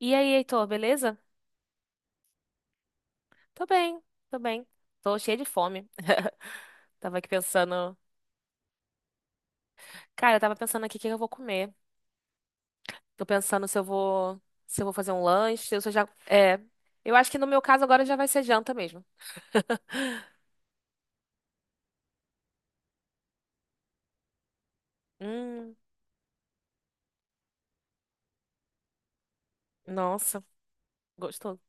E aí, Heitor, beleza? Tô bem, tô bem. Tô cheia de fome. Tava aqui pensando. Cara, eu tava pensando aqui o que eu vou comer. Tô pensando se eu vou. Se eu vou fazer um lanche, se eu já. É. Eu acho que no meu caso agora já vai ser janta mesmo. Hum, nossa, gostoso.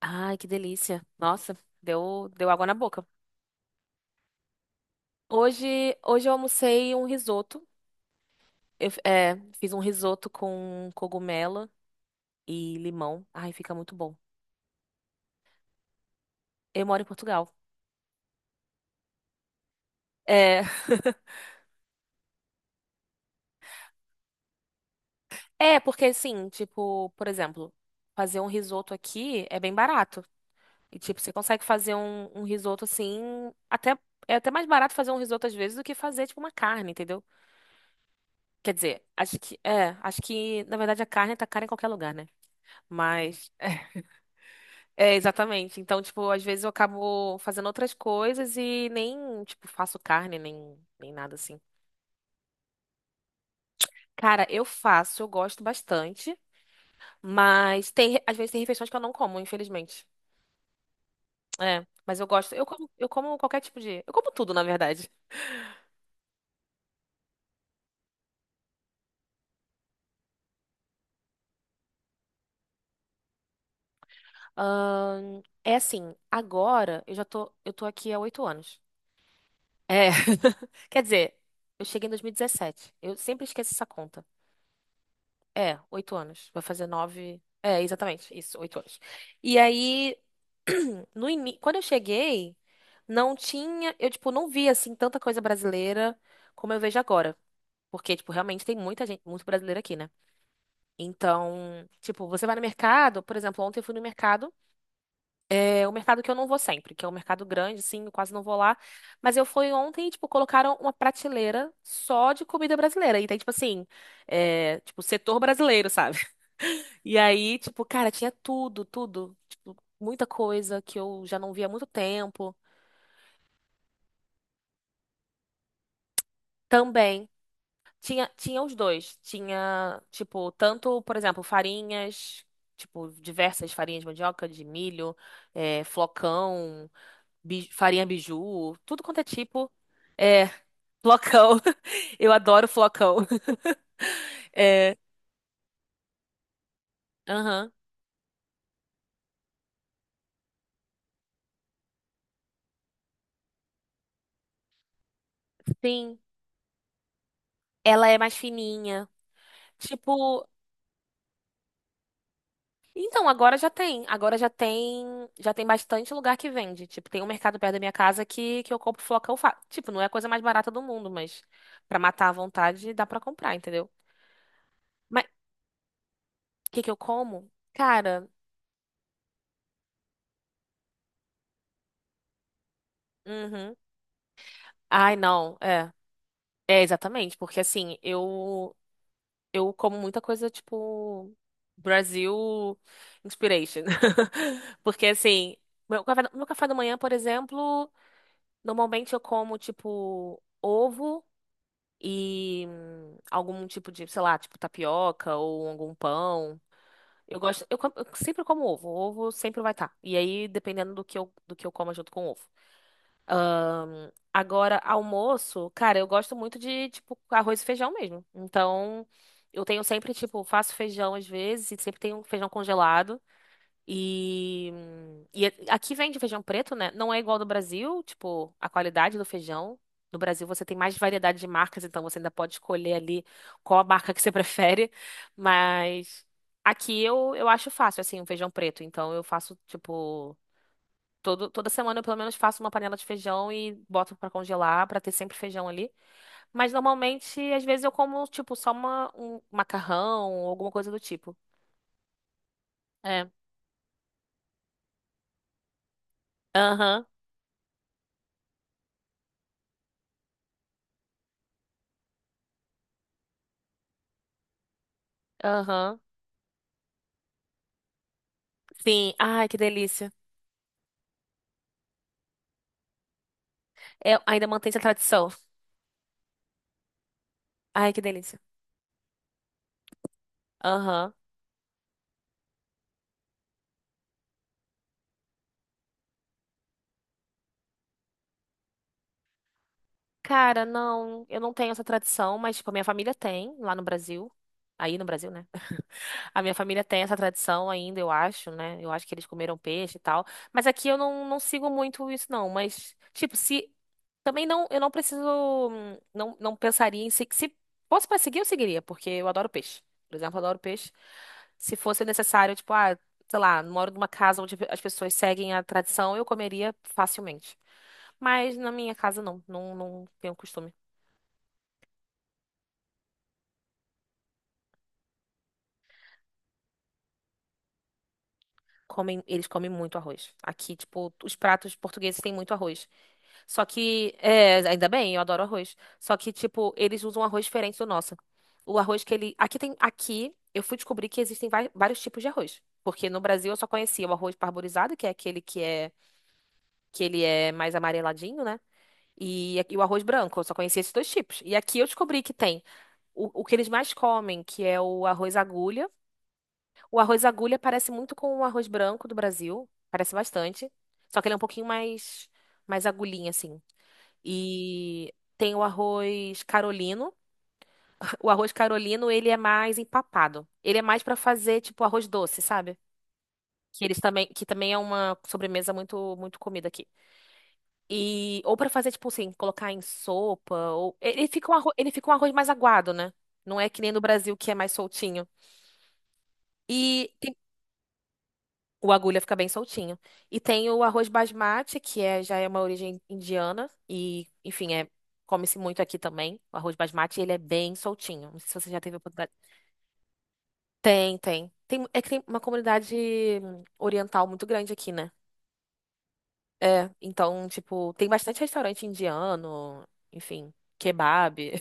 Ai, que delícia. Nossa, deu água na boca. Hoje eu almocei um risoto. Fiz um risoto com cogumelo e limão. Ai, fica muito bom. Eu moro em Portugal. É. É, porque assim, tipo, por exemplo, fazer um risoto aqui é bem barato. E, tipo, você consegue fazer um risoto assim, até, é até mais barato fazer um risoto às vezes do que fazer, tipo, uma carne, entendeu? Quer dizer, acho que, na verdade, a carne tá cara em qualquer lugar, né? Mas, é, exatamente. Então, tipo, às vezes eu acabo fazendo outras coisas e nem, tipo, faço carne, nem nada assim. Cara, eu gosto bastante, mas às vezes tem refeições que eu não como, infelizmente. É, mas eu gosto. Eu como qualquer tipo de. Eu como tudo, na verdade. É assim, agora eu já tô. Eu tô aqui há 8 anos. É. Quer dizer, eu cheguei em 2017. Eu sempre esqueço essa conta. É, 8 anos. Vai fazer nove. É, exatamente. Isso, 8 anos. E aí, no ini... quando eu cheguei, não tinha. Eu, tipo, não via assim tanta coisa brasileira como eu vejo agora. Porque, tipo, realmente tem muita gente, muito brasileiro aqui, né? Então, tipo, você vai no mercado, por exemplo, ontem eu fui no mercado, é o mercado que eu não vou sempre, que é um mercado grande, sim, eu quase não vou lá, mas eu fui ontem e, tipo, colocaram uma prateleira só de comida brasileira, e tem, tipo assim, é, tipo, setor brasileiro, sabe? E aí, tipo, cara, tinha tudo, tudo, tipo, muita coisa que eu já não via há muito tempo, também, tinha os dois, tinha, tipo, tanto, por exemplo, farinhas, tipo, diversas farinhas de mandioca, de milho, é, flocão. Farinha biju, tudo quanto é tipo. É, flocão. Eu adoro flocão. É, aham. Sim, ela é mais fininha. Tipo, então já tem bastante lugar que vende. Tipo, tem um mercado perto da minha casa que eu compro flocão, tipo, não é a coisa mais barata do mundo, mas pra matar à vontade dá pra comprar, entendeu? Mas o que que eu como? Cara, uhum. Ai, não, é. É exatamente, porque assim, eu como muita coisa tipo Brasil inspiration. Porque assim, meu café da manhã, por exemplo, normalmente eu como tipo ovo e algum tipo de, sei lá, tipo tapioca ou algum pão. Eu gosto, eu sempre como ovo, o ovo sempre vai estar. E aí, dependendo do que eu como é junto com o ovo. Agora, almoço, cara, eu gosto muito de, tipo, arroz e feijão mesmo. Então, eu tenho sempre, tipo, faço feijão às vezes, e sempre tenho feijão congelado. E, e aqui vende feijão preto, né? Não é igual do Brasil, tipo, a qualidade do feijão. No Brasil você tem mais variedade de marcas, então você ainda pode escolher ali qual a marca que você prefere. Mas aqui eu acho fácil, assim, um feijão preto. Então eu faço, tipo. Toda semana eu pelo menos faço uma panela de feijão e boto pra congelar, pra ter sempre feijão ali. Mas normalmente, às vezes eu como, tipo, só um macarrão ou alguma coisa do tipo. É. Aham, aham. Sim. Ai, que delícia. É, ainda mantém essa tradição. Ai, que delícia. Aham. Cara, não, eu não tenho essa tradição, mas, tipo, a minha família tem lá no Brasil. Aí no Brasil, né? A minha família tem essa tradição ainda, eu acho, né? Eu acho que eles comeram peixe e tal. Mas aqui eu não sigo muito isso, não. Mas, tipo, se. Também não, eu não preciso. Não, não pensaria em se. Se fosse pra seguir, eu seguiria, porque eu adoro peixe. Por exemplo, eu adoro peixe. Se fosse necessário, tipo, ah, sei lá, moro numa casa onde as pessoas seguem a tradição, eu comeria facilmente. Mas na minha casa, não. Não, não tenho costume. Comem, eles comem muito arroz. Aqui, tipo, os pratos portugueses têm muito arroz. Só que, é, ainda bem, eu adoro arroz. Só que, tipo, eles usam um arroz diferente do nosso. O arroz que ele. Aqui tem. Aqui eu fui descobrir que existem vários tipos de arroz. Porque no Brasil eu só conhecia o arroz parborizado, que é aquele que é que ele é mais amareladinho, né? E o arroz branco, eu só conhecia esses dois tipos. E aqui eu descobri que tem o que eles mais comem, que é o arroz agulha. O arroz agulha parece muito com o arroz branco do Brasil, parece bastante. Só que ele é um pouquinho mais, mais agulhinha, assim. E tem o arroz carolino. O arroz carolino, ele é mais empapado. Ele é mais pra fazer tipo arroz doce, sabe? Que eles também, que também é uma sobremesa muito muito comida aqui. E ou pra fazer tipo assim, colocar em sopa ou ele fica um arroz mais aguado, né? Não é que nem no Brasil que é mais soltinho. E tem O agulha fica bem soltinho. E tem o arroz basmati, que é, já é uma origem indiana. E, enfim, é, come-se muito aqui também. O arroz basmati, ele é bem soltinho. Não sei se você já teve a oportunidade. Tem, tem. Tem, é que tem uma comunidade oriental muito grande aqui, né? É, então, tipo, tem bastante restaurante indiano, enfim, kebab,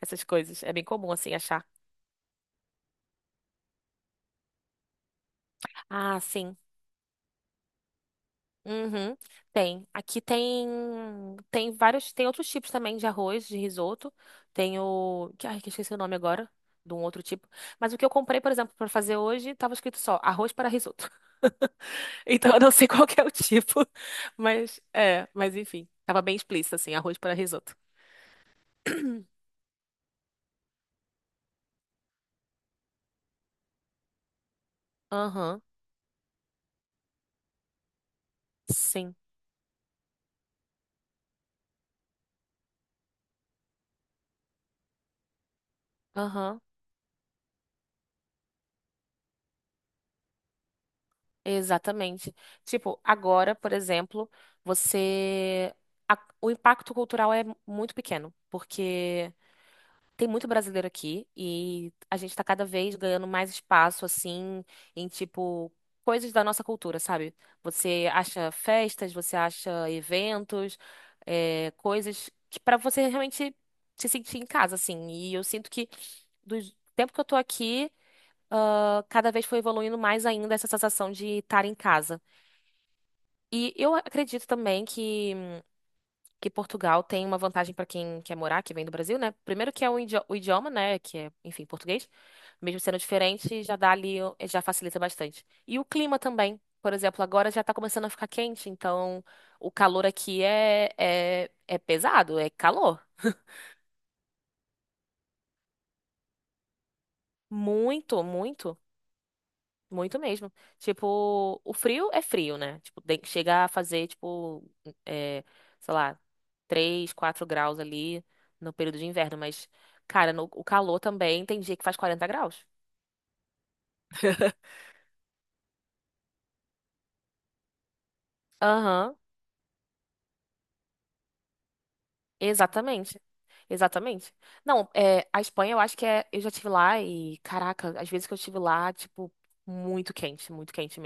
essas coisas. É bem comum, assim, achar. Ah, sim. Uhum, tem. Aqui tem vários, tem outros tipos também de arroz, de risoto. Tem ai, que eu esqueci o nome agora, de um outro tipo. Mas o que eu comprei, por exemplo, para fazer hoje, tava escrito só arroz para risoto. Então eu não sei qual que é o tipo, mas é, mas enfim, tava bem explícito assim, arroz para risoto. Aham, sim. Aham, exatamente. Tipo, agora, por exemplo, você o impacto cultural é muito pequeno, porque tem muito brasileiro aqui e a gente tá cada vez ganhando mais espaço, assim, em tipo coisas da nossa cultura, sabe? Você acha festas, você acha eventos, é, coisas que para você realmente se sentir em casa, assim. E eu sinto que do tempo que eu tô aqui, ah, cada vez foi evoluindo mais ainda essa sensação de estar em casa. E eu acredito também que Portugal tem uma vantagem para quem quer morar, que vem do Brasil, né? Primeiro que é o idioma, né? Que é, enfim, português. Mesmo sendo diferente, já dá ali, já facilita bastante. E o clima também. Por exemplo, agora já tá começando a ficar quente, então o calor aqui é pesado, é calor. Muito, muito. Muito mesmo. Tipo, o frio é frio, né? Tipo, chega a fazer, tipo, é, sei lá, 3 4 graus ali no período de inverno. Mas, cara, no, o calor também tem dia que faz 40 graus. Aham, exatamente. Exatamente. Não, é, a Espanha eu acho que é. Eu já estive lá e, caraca, às vezes que eu estive lá, tipo, muito quente, muito quente.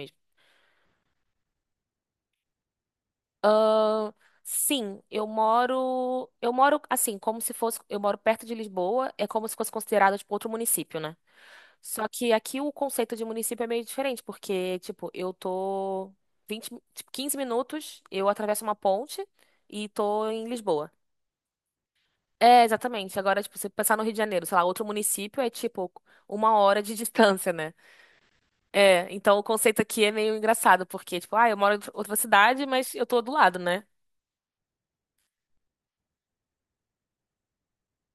Ahn, sim, eu moro assim, como se fosse, eu moro perto de Lisboa, é como se fosse considerado tipo outro município, né? Só que aqui o conceito de município é meio diferente, porque tipo, eu tô 20 15 minutos, eu atravesso uma ponte e tô em Lisboa. É, exatamente. Agora, tipo, se pensar no Rio de Janeiro, sei lá, outro município é tipo 1 hora de distância, né? É, então o conceito aqui é meio engraçado, porque tipo, ah, eu moro em outra cidade, mas eu tô do lado, né?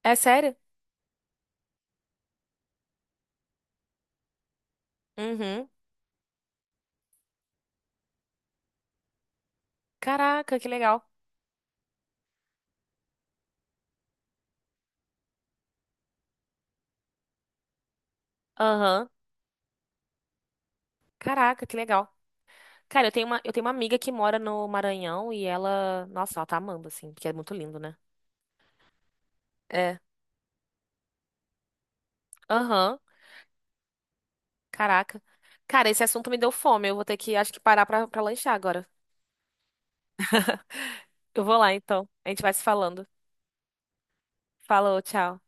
É sério? Uhum. Caraca, que legal. Aham. Caraca, que legal. Cara, eu tenho uma amiga que mora no Maranhão e ela, nossa, ela tá amando assim, porque é muito lindo, né? É. Aham. Caraca. Cara, esse assunto me deu fome. Eu vou ter que, acho que parar pra lanchar agora. Eu vou lá então. A gente vai se falando. Falou, tchau.